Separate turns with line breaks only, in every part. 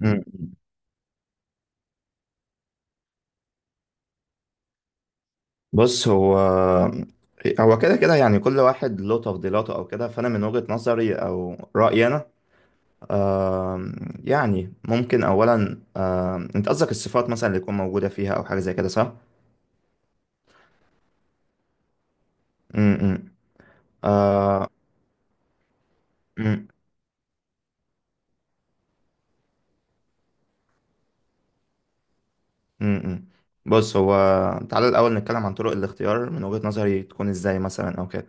مم. بص هو كده كده، يعني كل واحد له تفضيلاته او كده، فانا من وجهة نظري او رأيي انا. آم، يعني ممكن اولا. انت قصدك الصفات مثلا اللي تكون موجودة فيها او حاجة زي كده، صح؟ مم، مم، مم، مم. بص هو تعالى الاول نتكلم عن طرق الاختيار من وجهة نظري تكون ازاي مثلا او كده.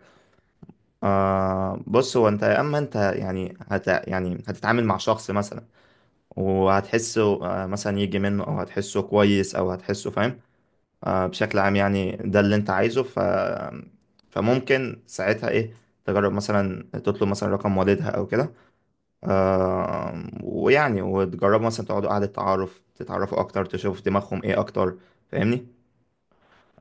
بص هو انت يا اما انت، يعني هت يعني هتتعامل مع شخص مثلا وهتحسه. مثلا يجي منه او هتحسه كويس او هتحسه فاهم. بشكل عام يعني ده اللي انت عايزه فممكن ساعتها ايه تجرب مثلا تطلب مثلا رقم والدها او كده. ويعني وتجربوا مثلا تقعدوا قعدة تعارف تتعرفوا اكتر، تشوفوا دماغهم ايه اكتر، فاهمني؟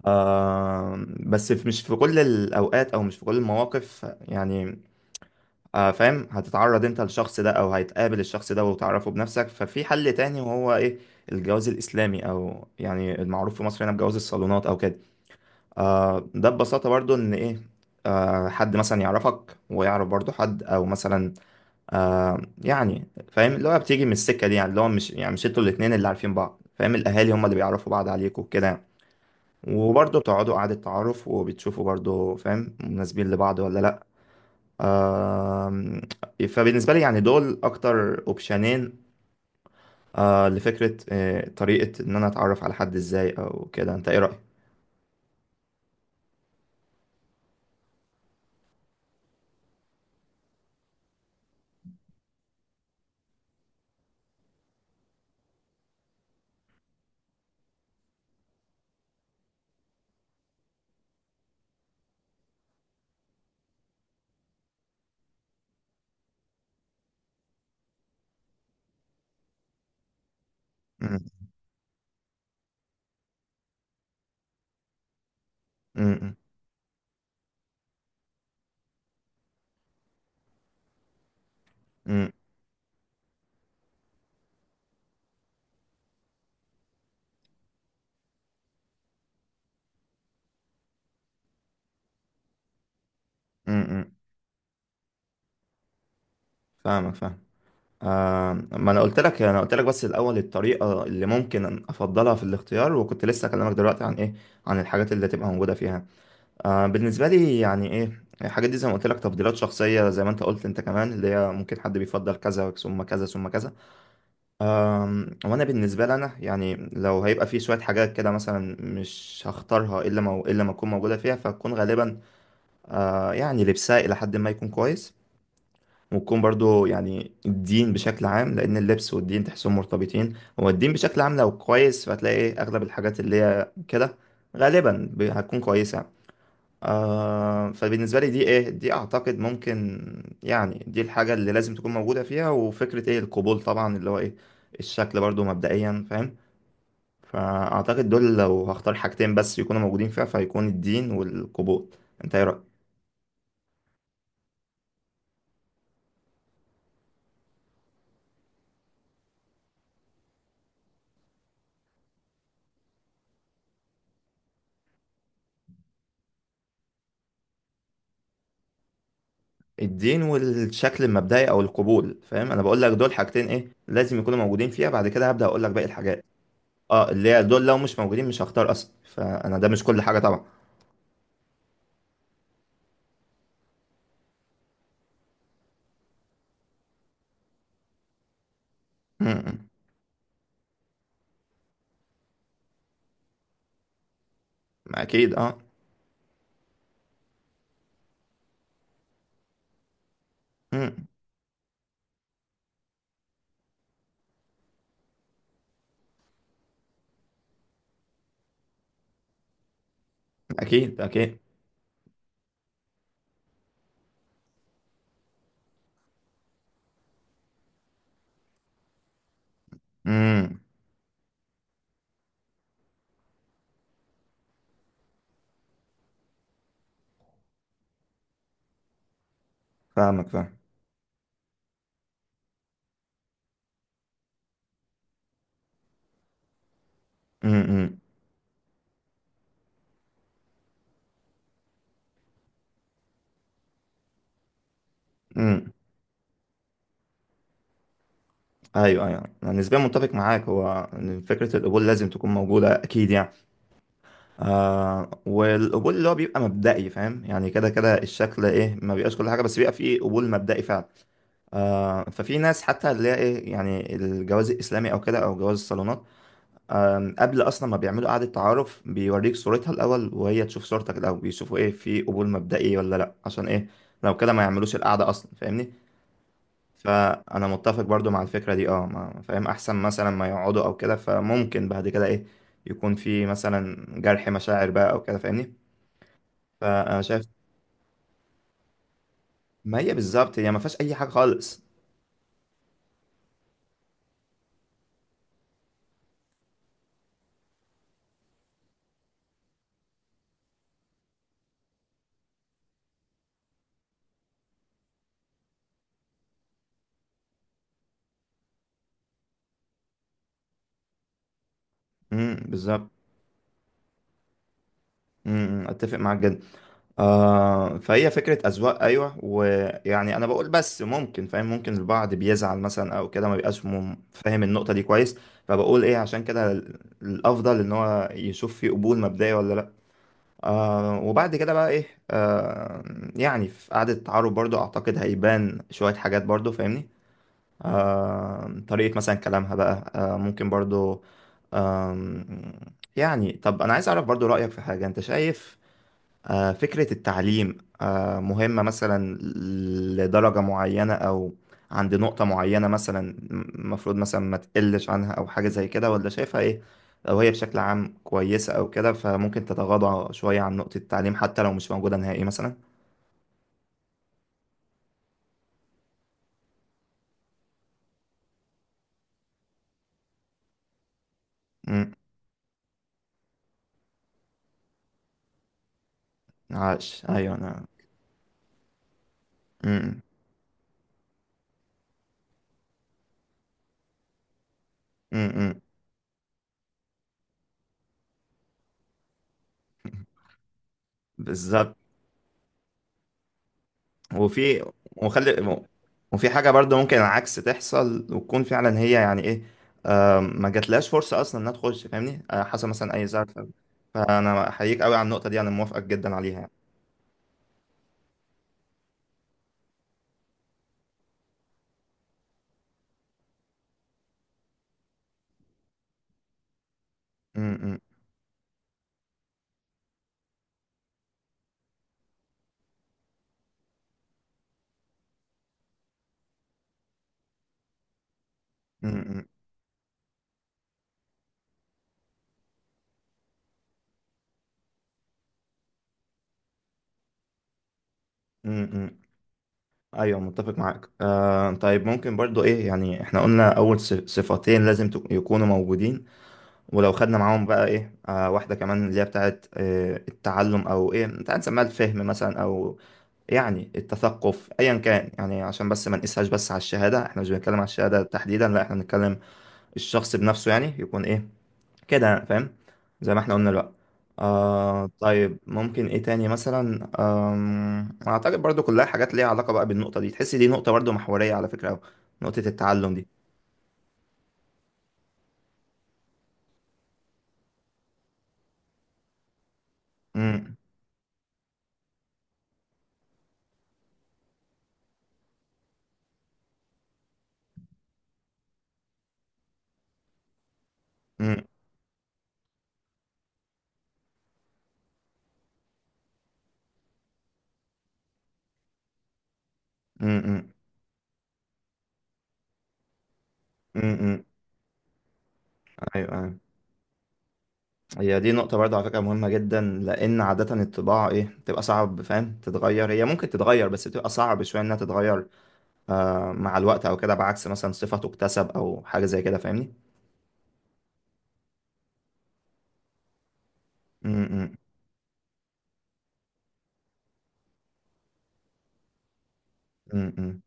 بس مش في كل الاوقات او مش في كل المواقف يعني. فاهم، هتتعرض انت للشخص ده او هتقابل الشخص ده وتعرفه بنفسك، ففي حل تاني وهو ايه؟ الجواز الاسلامي او يعني المعروف في مصر هنا بجواز الصالونات او كده. ده ببساطة برضو إن إيه، حد مثلا يعرفك ويعرف برضو حد أو مثلا، يعني فاهم اللي هو بتيجي من السكة دي، يعني اللي هو مش يعني مش انتوا الاتنين اللي عارفين بعض، فاهم، الأهالي هم اللي بيعرفوا بعض عليكوا وكده يعني. وبرضو بتقعدوا قعدة تعارف وبتشوفوا برضو فاهم، مناسبين لبعض ولا لأ. آه فبالنسبة لي يعني دول أكتر أوبشنين، لفكرة طريقة إن أنا أتعرف على حد إزاي أو كده، أنت إيه رأيك؟ م- م- م- م- م- م. فاهمك فاهم. ما انا قلت لك بس الاول الطريقه اللي ممكن افضلها في الاختيار، وكنت لسه اكلمك دلوقتي عن ايه؟ عن الحاجات اللي هتبقى موجوده فيها. بالنسبه لي يعني ايه الحاجات دي، زي ما قلت لك تفضيلات شخصيه، زي ما انت قلت انت كمان، اللي هي ممكن حد بيفضل كذا ثم كذا ثم كذا. آه وانا بالنسبه لي انا، يعني لو هيبقى في شويه حاجات كده مثلا مش هختارها الا ما اكون موجوده فيها، فتكون غالبا يعني لبسها الى حد ما يكون كويس، وتكون برضو يعني الدين بشكل عام، لأن اللبس والدين تحسهم مرتبطين. هو الدين بشكل عام لو كويس فهتلاقي أغلب الحاجات اللي هي كده غالبا هتكون كويسة. فبالنسبة لي دي إيه، دي أعتقد ممكن يعني دي الحاجة اللي لازم تكون موجودة فيها، وفكرة إيه القبول طبعا اللي هو إيه الشكل برضو مبدئيا، فاهم. فأعتقد دول لو هختار حاجتين بس يكونوا موجودين فيها فهيكون الدين والقبول. أنت إيه رأيك؟ الدين والشكل المبدئي او القبول، فاهم. انا بقول لك دول حاجتين ايه لازم يكونوا موجودين فيها، بعد كده هبدأ اقول لك باقي الحاجات. اه اللي هي دول لو مش موجودين مش هختار اصلا، فانا ده مش كل حاجة طبعا. امم. اكيد اه. امم. اكيد اكيد. امم. فاهمك فاهم. امم. امم. ايوه ايوه، انا نسبيا متفق معاك، هو إن فكرة القبول لازم تكون موجودة اكيد يعني. والقبول اللي هو بيبقى مبدئي، فاهم، يعني كده كده الشكل ايه، ما بيبقاش كل حاجة، بس بيبقى فيه قبول مبدئي فعلا. ففي ناس حتى اللي هي ايه، يعني الجواز الاسلامي او كده او جواز الصالونات، قبل اصلا ما بيعملوا قعده تعارف، بيوريك صورتها الاول وهي تشوف صورتك الاول، بيشوفوا ايه في قبول مبدئي ولا لا، عشان ايه؟ لو كده ما يعملوش القعده اصلا، فاهمني. فانا متفق برضو مع الفكره دي. فاهم احسن مثلا ما يقعدوا او كده، فممكن بعد كده ايه يكون في مثلا جرح مشاعر بقى او كده، فاهمني. فانا شايف ما هي بالظبط، هي ما فيهاش اي حاجه خالص. امم، بالظبط. امم. أمم، اتفق معاك جدا. فهي فكرة أذواق، أيوة، ويعني أنا بقول بس ممكن فاهم ممكن البعض بيزعل مثلا أو كده، ما بيبقاش فاهم النقطة دي كويس. فبقول إيه عشان كده الأفضل إن هو يشوف فيه قبول مبدئي ولا لأ. وبعد كده بقى إيه؟ يعني في قعدة التعارف برضو أعتقد هيبان شوية حاجات برضو، فاهمني. طريقة مثلا كلامها بقى، ممكن برضو. آم، يعني طب انا عايز اعرف برضو رأيك في حاجة، انت شايف فكرة التعليم مهمة مثلا لدرجة معينة، أو عند نقطة معينة مثلا المفروض مثلا ما تقلش عنها أو حاجة زي كده، ولا شايفها إيه؟ لو هي بشكل عام كويسة أو كده فممكن تتغاضى شوية عن نقطة التعليم حتى لو مش موجودة نهائي مثلا. مم. عاش أيوة أنا. مم. مم. مم. بالظبط. وفي وخلي وفي حاجة برضه ممكن العكس تحصل، وتكون فعلا هي يعني إيه، ما جاتلهاش فرصه اصلا انها تخش، فاهمني. حصل مثلا اي زعل فانا احييك قوي على النقطه دي، انا موافقك جدا عليها يعني. م- م- م- م- م- م. ايوه متفق معاك. طيب ممكن برضو ايه، يعني احنا قلنا اول صفتين لازم يكونوا موجودين، ولو خدنا معاهم بقى ايه واحده كمان اللي هي بتاعت التعلم، او ايه انت هنسميها الفهم مثلا، او يعني التثقف ايا كان، يعني عشان بس ما نقيسهاش بس على الشهاده، احنا مش بنتكلم على الشهاده تحديدا، لا احنا بنتكلم الشخص بنفسه، يعني يكون ايه كده يعني، فاهم. زي ما احنا قلنا بقى. طيب ممكن ايه تاني مثلا؟ اعتقد برضو كلها حاجات ليها علاقة بقى بالنقطة دي، تحس دي نقطة برضو محورية على فكرة أوي. نقطة التعلم دي. امم. امم. امم. امم. ايوه أيوة. هي دي نقطة برضو على فكرة مهمة جدا، لان عادة الطباع ايه بتبقى صعب فاهم تتغير، هي ممكن تتغير بس بتبقى صعب شوية انها تتغير مع الوقت او كده، بعكس مثلا صفة تكتسب او حاجة زي كده، فاهمني. امم. امم.